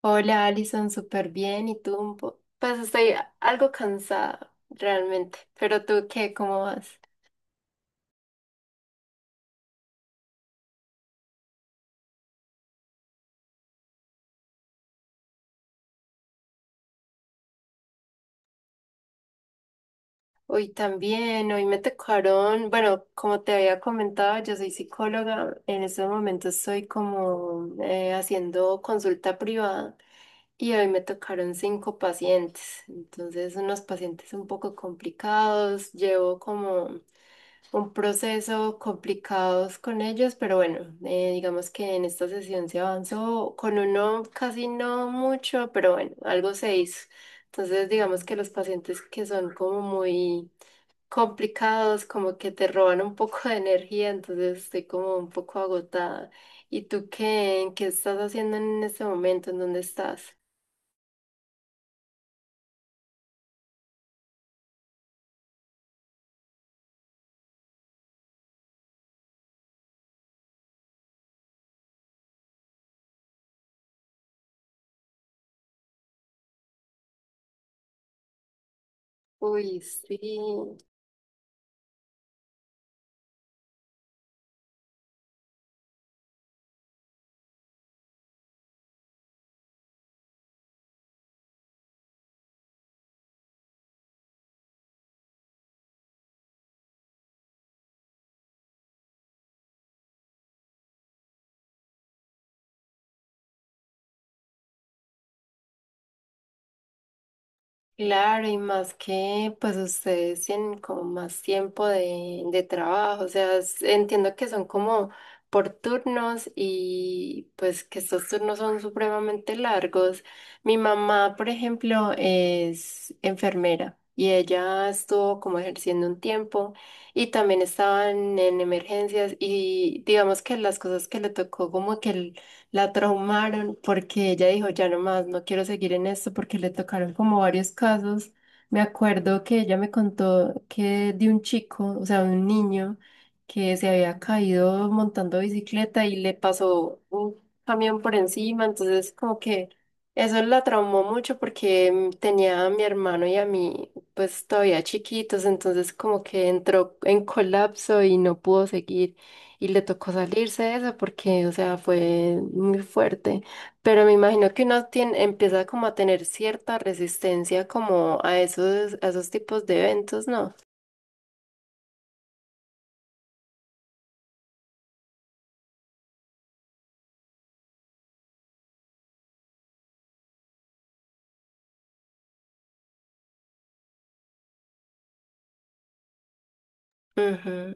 Hola, Alison, súper bien. ¿Y tú? Pues estoy algo cansada, realmente. Pero tú, ¿qué? ¿Cómo vas? Hoy también, hoy me tocaron, bueno, como te había comentado, yo soy psicóloga. En estos momentos estoy como haciendo consulta privada y hoy me tocaron cinco pacientes. Entonces, unos pacientes un poco complicados. Llevo como un proceso complicados con ellos, pero bueno, digamos que en esta sesión se avanzó con uno casi no mucho, pero bueno, algo se hizo. Entonces, digamos que los pacientes que son como muy complicados, como que te roban un poco de energía, entonces estoy como un poco agotada. ¿Y tú qué? ¿Qué estás haciendo en este momento? ¿En dónde estás? Uy, sí. Claro, y más que pues ustedes tienen como más tiempo de trabajo, o sea, entiendo que son como por turnos y pues que estos turnos son supremamente largos. Mi mamá, por ejemplo, es enfermera y ella estuvo como ejerciendo un tiempo y también estaban en emergencias y digamos que las cosas que le tocó como que el la traumaron porque ella dijo, ya no más, no quiero seguir en esto porque le tocaron como varios casos. Me acuerdo que ella me contó que de un chico, o sea, un niño que se había caído montando bicicleta y le pasó un camión por encima, entonces como que eso la traumó mucho porque tenía a mi hermano y a mí pues todavía chiquitos, entonces como que entró en colapso y no pudo seguir. Y le tocó salirse de eso porque, o sea, fue muy fuerte. Pero me imagino que uno tiene, empieza como a tener cierta resistencia como a esos tipos de eventos, ¿no? Ujú.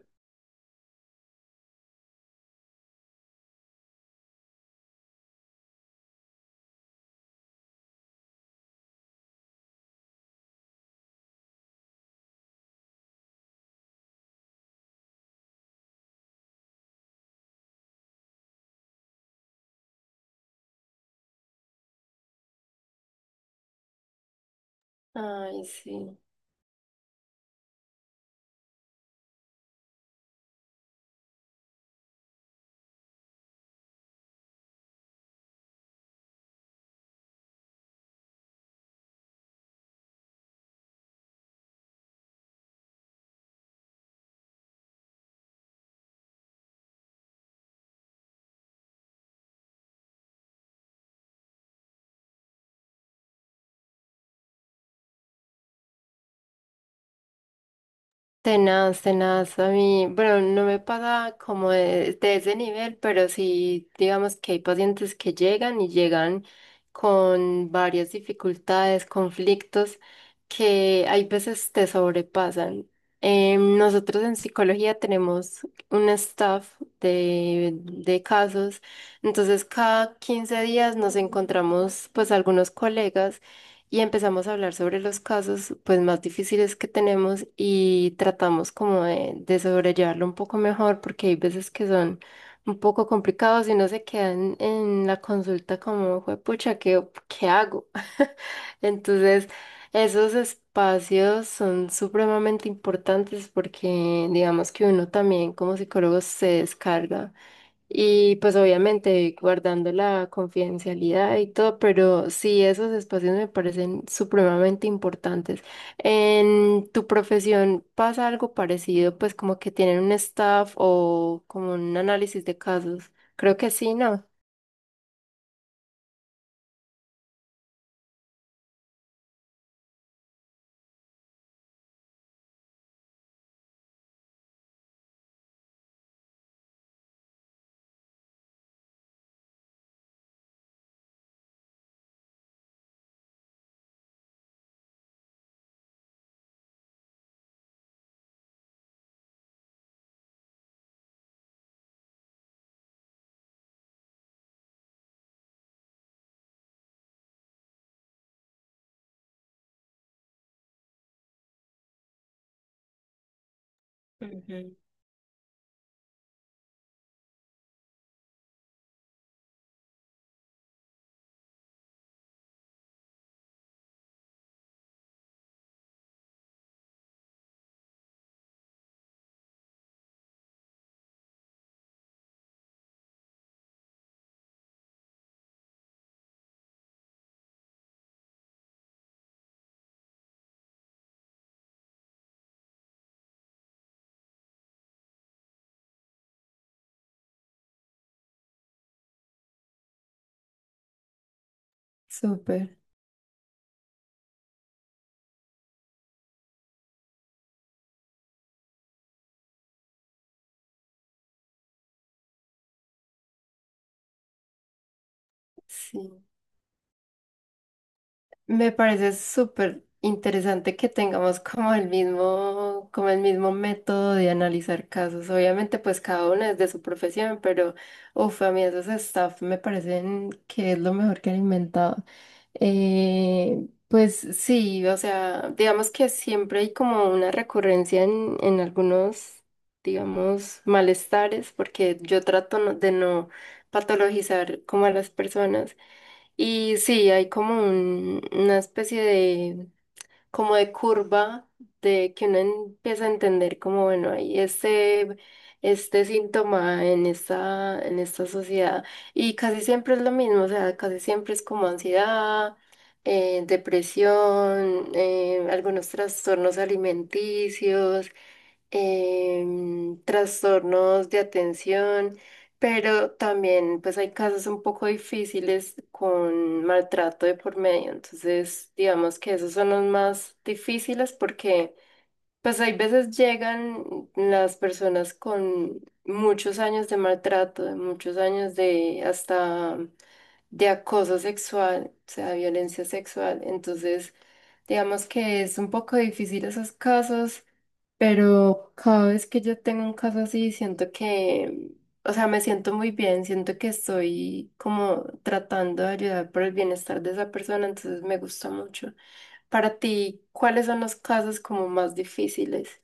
Ay, sí. Tenaz, tenaz, a mí, bueno, no me pasa como de ese nivel, pero sí, digamos que hay pacientes que llegan y llegan con varias dificultades, conflictos que hay veces te sobrepasan. Nosotros en psicología tenemos un staff de casos, entonces cada 15 días nos encontramos pues algunos colegas y empezamos a hablar sobre los casos pues más difíciles que tenemos y tratamos como de sobrellevarlo un poco mejor porque hay veces que son un poco complicados y no se quedan en la consulta como, pucha, ¿qué hago? Entonces, esos espacios son supremamente importantes porque digamos que uno también como psicólogo se descarga y pues obviamente guardando la confidencialidad y todo, pero sí, esos espacios me parecen supremamente importantes. ¿En tu profesión pasa algo parecido, pues como que tienen un staff o como un análisis de casos? Creo que sí, ¿no? Ujú. Súper, sí. Me parece súper interesante que tengamos como el mismo método de analizar casos. Obviamente, pues cada uno es de su profesión, pero uff, a mí esos staff me parecen que es lo mejor que han inventado. Pues sí, o sea, digamos que siempre hay como una recurrencia en algunos, digamos, malestares, porque yo trato de no patologizar como a las personas. Y sí, hay como una especie de, como de curva de que uno empieza a entender como, bueno, hay este síntoma en esta sociedad. Y casi siempre es lo mismo, o sea, casi siempre es como ansiedad, depresión, algunos trastornos alimenticios trastornos de atención, pero también pues hay casos un poco difíciles con maltrato de por medio. Entonces, digamos que esos son los más difíciles porque pues hay veces llegan las personas con muchos años de maltrato, de muchos años de hasta de acoso sexual, o sea, violencia sexual. Entonces, digamos que es un poco difícil esos casos, pero cada vez que yo tengo un caso así, siento que, o sea, me siento muy bien, siento que estoy como tratando de ayudar por el bienestar de esa persona, entonces me gusta mucho. Para ti, ¿cuáles son los casos como más difíciles?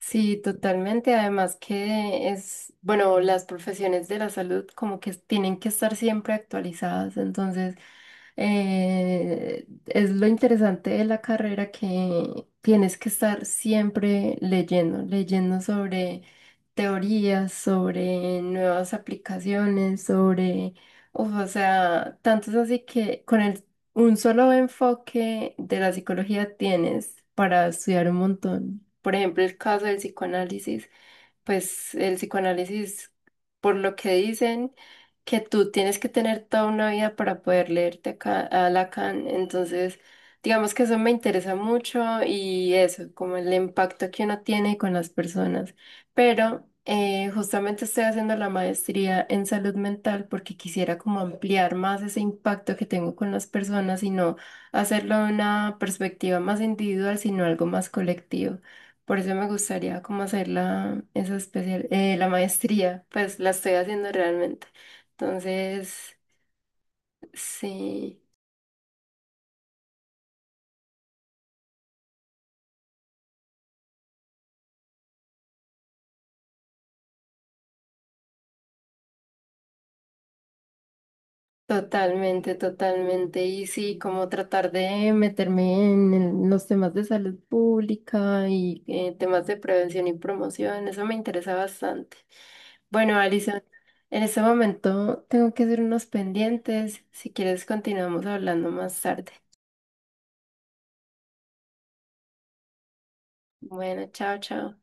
Sí, totalmente. Además que es, bueno, las profesiones de la salud como que tienen que estar siempre actualizadas. Entonces, es lo interesante de la carrera que tienes que estar siempre leyendo, leyendo sobre teorías, sobre nuevas aplicaciones, sobre, uf, o sea, tanto es así que con un solo enfoque de la psicología tienes para estudiar un montón. Por ejemplo, el caso del psicoanálisis, pues el psicoanálisis, por lo que dicen, que tú tienes que tener toda una vida para poder leerte a Lacan. Entonces, digamos que eso me interesa mucho y eso, como el impacto que uno tiene con las personas. Pero justamente estoy haciendo la maestría en salud mental porque quisiera como ampliar más ese impacto que tengo con las personas y no hacerlo de una perspectiva más individual, sino algo más colectivo. Por eso me gustaría como hacer esa la maestría, pues la estoy haciendo realmente. Entonces, sí, totalmente, totalmente. Y sí, como tratar de meterme en los temas de salud pública y temas de prevención y promoción, eso me interesa bastante. Bueno, Alison, en este momento tengo que hacer unos pendientes. Si quieres, continuamos hablando más tarde. Bueno, chao, chao.